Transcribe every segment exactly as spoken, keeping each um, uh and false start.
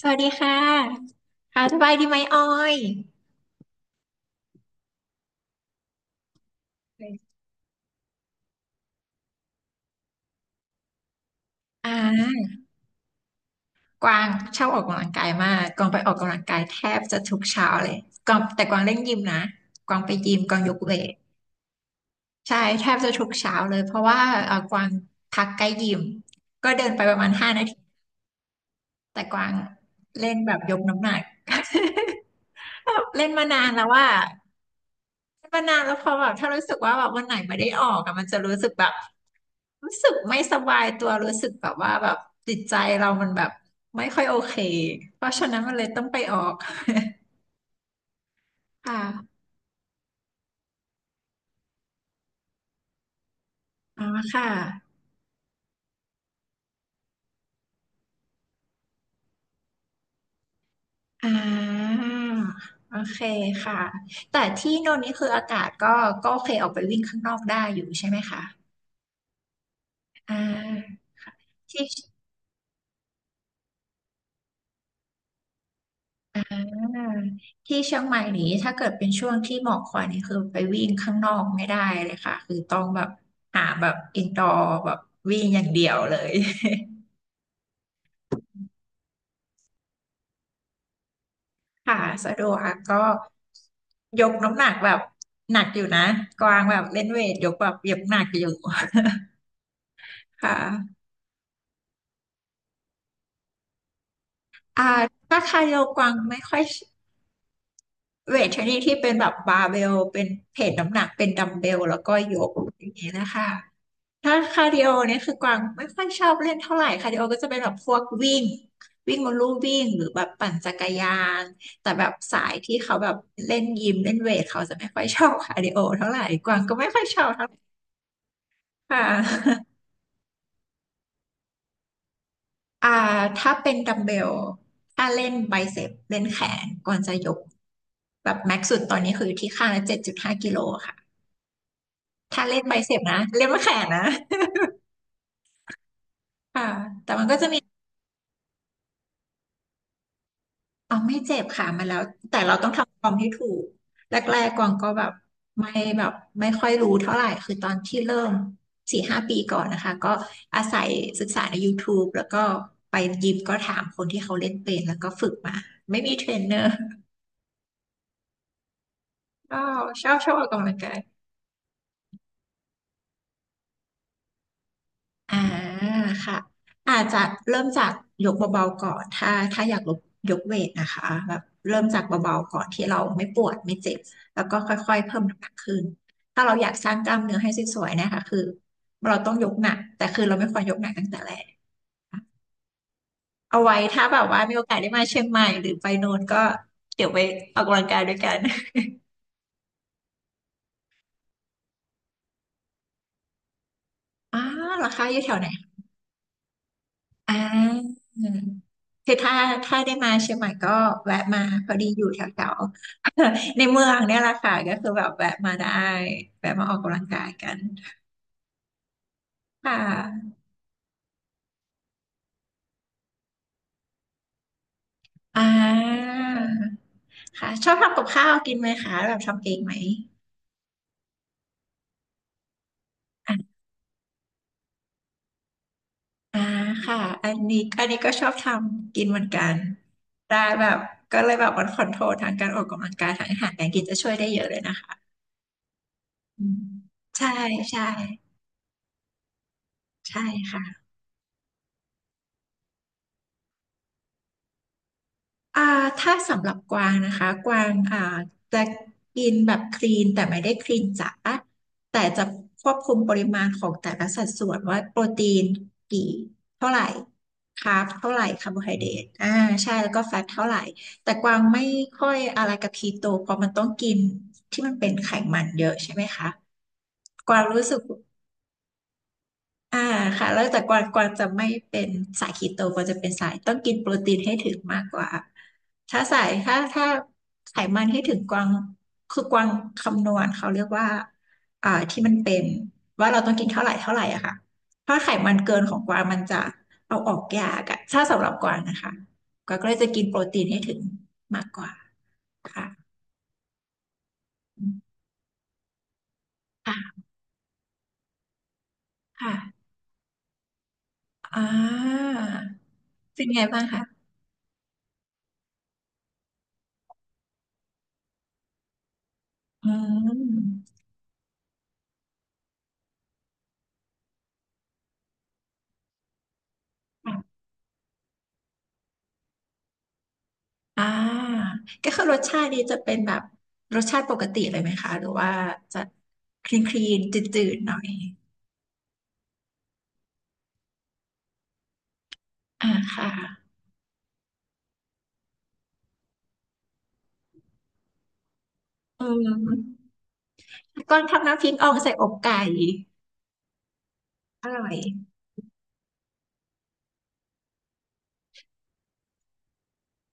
สวัสดีค่ะค่ะสบายดีไหมออยอ่ากวางชอบออกกำลังกายมากกวางไปออกกำลังกายแทบจะทุกเช้าเลยกวางแต่กวางเล่นยิมนะ กวางไปยิมกวางยกเวทใช่ แทบจะทุกเช้าเลยเพราะว่าเอ่อกวางพักใกล้ยิมก็เดินไปประมาณห้านาทีแต่กวางเล่นแบบยกน้ำหนัก แบบเล่นมานานแล้วว่าเล่นมานานแล้วพอแบบถ้ารู้สึกว่าแบบวันไหนไม่ได้ออกอะมันจะรู้สึกแบบ รู้สึกไม่สบายตัวรู้สึกแบบว่าแบบจิตใจเรามันแบบไม่ค่อยโอเคเพราะฉะนั้นมันเลยต้องไปออกค่ะอ๋อค่ะอ่าโอเคค่ะแต่ที่โน่นนี่คืออากาศก็ก็โอเคออกไปวิ่งข้างนอกได้อยู่ใช่ไหมคะอ่าค่ะที่อ่าที่เชียงใหม่นี้ถ้าเกิดเป็นช่วงที่หมอกควันนี่คือไปวิ่งข้างนอกไม่ได้เลยค่ะคือต้องแบบหาแบบอินดอร์แบบวิ่งอย่างเดียวเลย ค่ะสะดวกค่ะก็ยกน้ำหนักแบบหนักอยู่นะกวางแบบเล่นเวทยกแบบยกหนักอยู่ ค่ะอ่าถ้าใครโยกวางไม่ค่อยเวทชนิดที่เป็นแบบบาร์เบลเป็นเพจน้ำหนักเป็นดัมเบลแล้วก็ยกอย่างนี้นะคะถ้าคาร์ดิโอเนี่ยคือกวางไม่ค่อยชอบเล่นเท่าไหร่คาร์ดิโอก็จะเป็นแบบพวกวิ่งวิ่งบนลู่วิ่งหรือแบบปั่นจักรยานแต่แบบสายที่เขาแบบเล่นยิมเล่นเวทเขาจะไม่ค่อยชอบคาร์ดิโอเท่าไหร่กวางก็ไม่ค่อยชอบเท่าไหร่ ค่ะ อ่าถ้าเป็นดัมเบลถ้าเล่นไบเซปเล่นแขนก่อนจะยกแบบแม็กซ์สุดตอนนี้คือที่ข้างละเจ็ดจุดห้ากิโลค่ะถ้าเล่นไบเซปนะเล่นแขนนะ ค่ะแต่มันก็จะมีเอาไม่เจ็บค่ะมันแล้วแต่เราต้องทำฟอร์มให้ถูกแรกๆกวางก็แบบไม่แบบไม่ค่อยรู้เท่าไหร่คือตอนที่เริ่มสี่ห้าปีก่อนนะคะก็อาศัยศึกษาใน ยูทูบ แล้วก็ไปยิมก็ถามคนที่เขาเล่นเป็นแล้วก็ฝึกมาไม่มีเทรนเนอร์ ก็ชอบชอบออกกำลังกายอ่าค่ะอาจจะเริ่มจากยกเบาๆก่อนถ้าถ้าอยากลดยกเวทนะคะแบบเริ่มจากเบาๆก่อนที่เราไม่ปวดไม่เจ็บแล้วก็ค่อยๆเพิ่มน้ำหนักขึ้นถ้าเราอยากสร้างกล้ามเนื้อให้สวยๆนะคะคือเราต้องยกหนักแต่คือเราไม่ควรยกหนักตั้งแต่แรกเอาไว้ถ้าแบบว่ามีโอกาสได้มาเชียงใหม่หรือไปโน่นก็เดี๋ยวไปออกกำลังกายด้วยกัน อ่าเหราคาอยู่แถวไหน อ่าคือถ้าถ้าได้มาเชียงใหม่ก็แวะมาพอดีอยู่แถวๆ ในเมืองเนี่ยแหละค่ะก็คือแบบแวะมาได้แวะมาออกกำลังกายกันค่ะอ่าค่ะชอบทำกับข้าวกินไหมคะแบบทำเองไหมอ่าอ่าค่ะอันนี้อันนี้ก็ชอบทำกินเหมือนกันได้แบบก็เลยแบบมันคอนโทรลทางการออกกำลังกายทางอาหารการกินจะช่วยได้เยอะเลยนะคะอืมใช่ใช่ใช่ค่ะ อ่าถ้าสำหรับกวางนะคะ กวางอ่าจะกินแบบคลีนแต่ไม่ได้คลีนจ๋าแต่จะควบคุมปริมาณของแต่ละสัดส่วนว่าโปรตีนกี่เท่าไหร่คาร์บเท่าไหร่คาร์โบไฮเดรตอ่าใช่แล้วก็แฟตเท่าไหร่แต่กวางไม่ค่อยอะไรกับคีโตเพราะมันต้องกินที่มันเป็นไขมันเยอะใช่ไหมคะกวางรู้สึก อ่าค่ะแล้วแต่กวางกวางจะไม่เป็นสายคีโตกวางจะเป็นสายต้องกินโปรตีนให้ถึงมากกว่าถ้าสายถ้าถ้าไขมันให้ถึงกวางคือกวางคำนวณเขาเรียกว่าอ่าที่มันเป็นว่าเราต้องกินเท่าไหร่เท่าไหร่อะค่ะถ้าไขมันเกินของกวางมันจะเอาออกยากอะถ้าสำหรับกวางนะคะกวางก็เลยจะกินโปรตีนให้ถึงมากกว่าค่ะค่ะค่ะอ่าเป็นไงบ้างคะอืม อ่าก็คือรสชาตินี้จะเป็นแบบรสชาติปกติเลยไหมคะหรือว่าจะคลีนคลีนจืดๆหน่อยอ่าค่ะอืมก้อนทำน้ำพริกอ่องใส่อกไก่อร่อย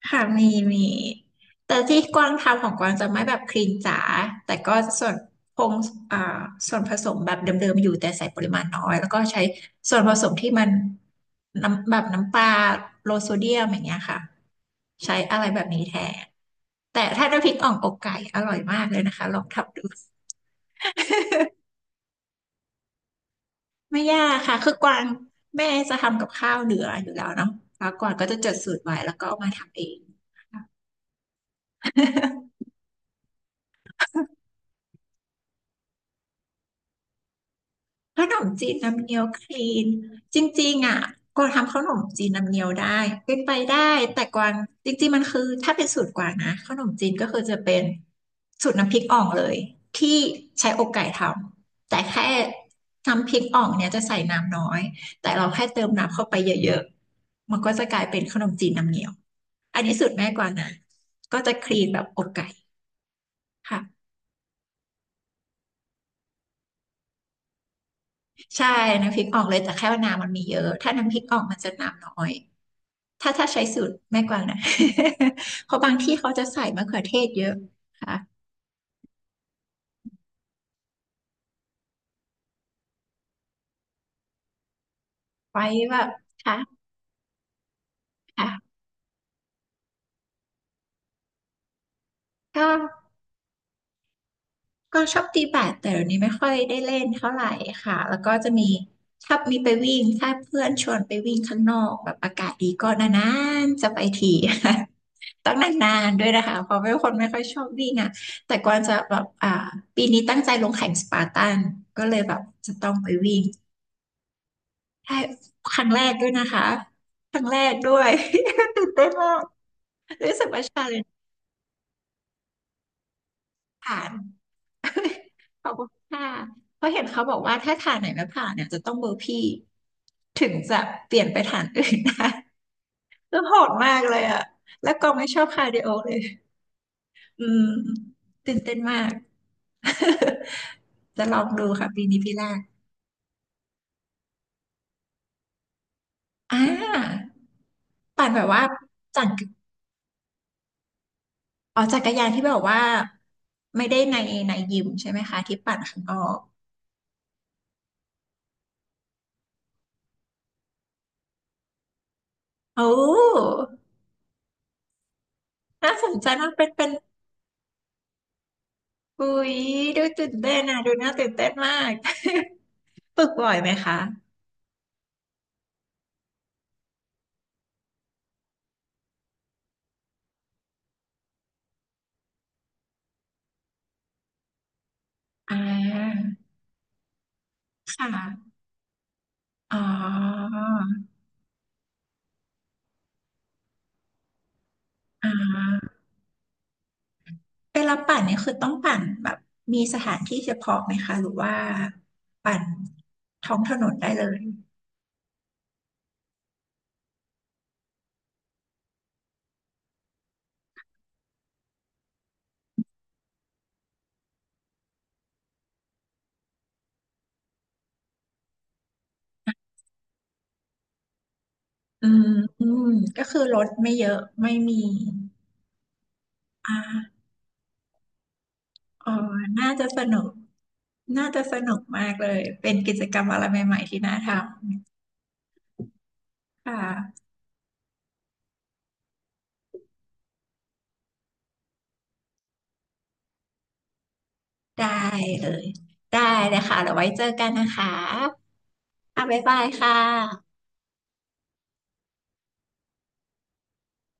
ค่ะมีมีแต่ที่กวางทำของกวางจะไม่แบบคลีนจ๋าแต่ก็ส่วนคงอ่าส่วนผสมแบบเดิมๆอยู่แต่ใส่ปริมาณน้อยแล้วก็ใช้ส่วนผสมที่มันน้ำแบบน้ำปลาโลโซเดียมอย่างเงี้ยค่ะใช้อะไรแบบนี้แทนแต่ถ้าน้ำพริกอ่องอกไก่อร่อยมากเลยนะคะลองทำดู ไม่ยากค่ะคือกวางแม่จะทำกับข้าวเหลืออยู่แล้วเนาะแล้วกวางก็จะจดสูตรไว้แล้วก็เอามาทำเองค่ะ ขนมจีนน้ำเงี้ยวคลีนจริงๆอ่ะกวางทำขนมจีนน้ำเงี้ยวได้เป็นไปได้แต่กวางจริงๆมันคือถ้าเป็นสูตรกวางนะขนมจีนก็คือจะเป็นสูตรน้ำพริกอ่องเลยที่ใช้อกไก่ทำแต่แค่น้ำพริกอ่องเนี่ยจะใส่น้ำน้อยแต่เราแค่เติมน้ำเข้าไปเยอะๆมันก็จะกลายเป็นขนมจีนน้ำเงี้ยวอันนี้สูตรแม่กวางนะก็จะคลีนแบบอกไก่ค่ะใช่น้ำพริกอ่องเลยแต่แค่ว่าน้ำมันมีเยอะถ้าน้ำพริกอ่องมันจะน้ำน้อย ถ้าถ้าใช้สูตรแม่กวางนะ เพราะบางที่เขาจะใส่มะเขือเทศเยอะค่ะไว้แบบค่ะค่ะก็ก็ชอบตีแบดแต่เดี๋ยวนี้ไม่ค่อยได้เล่นเท่าไหร่ค่ะแล้วก็จะมีถ้ามีไปวิ่งถ้าเพื่อนชวนไปวิ่งข้างนอกแบบอากาศดีก็นานๆจะไปที ต้องนานๆด้วยนะคะเพราะเป็นคนไม่ค่อยชอบวิ่งอ่ะแต่กวางจะแบบอ่าปีนี้ตั้งใจลงแข่งสปาร์ตันก็เลยแบบจะต้องไปวิ่ง ใช่ครั้งแรกด้วยนะคะ ครั้งแรกด้วย ตื่นเต้นมากรู้สึกว่าชาเลนจ์ผ่าน ขอบคุณค่ะเพราะเห็นเขาบอกว่าถ้าฐานไหนไม่ผ่านเนี่ยจะต้องเบอร์พี่ถึงจะเปลี่ยนไปฐานอื่นได้ แล้วโหดมากเลยอะแล้วกองไม่ชอบคาร์ดิโอเลยอืมตื่นเต้นมาก จะลองดูค่ะปีนี้ปีแรกอ่าปั่นแบบว่าจั่ง อ๋อจักรยานที่แบบว่าไม่ได้ในในยิมใช่ไหมคะที่ปั่นข้างนอกโอ้น่าสนใจมากเป็นเป็นอุ๊ยดูตื่นเต้นนะดูน่าตื่นเต้นมาก ฝึกบ่อยไหมคะอ่าค่ะอ๋ออ่าเวลาปั่นเนี่ยคือต้องปั่นแบบมีสถานที่เฉพาะไหมคะหรือว่าปั่นท้องถนนได้เลยอืมอืมก็คือรถไม่เยอะไม่มีอ่า เออน่าจะสนุก น่าจะสนุกมากเลย เป็นกิจกรรมอะไรใหม่ๆที่น่าทำค่ะ ได้เลย ได้เลยค่ะเดี๋ยวไว้เจอกันนะคะอ่ะบ๊ายบายค่ะ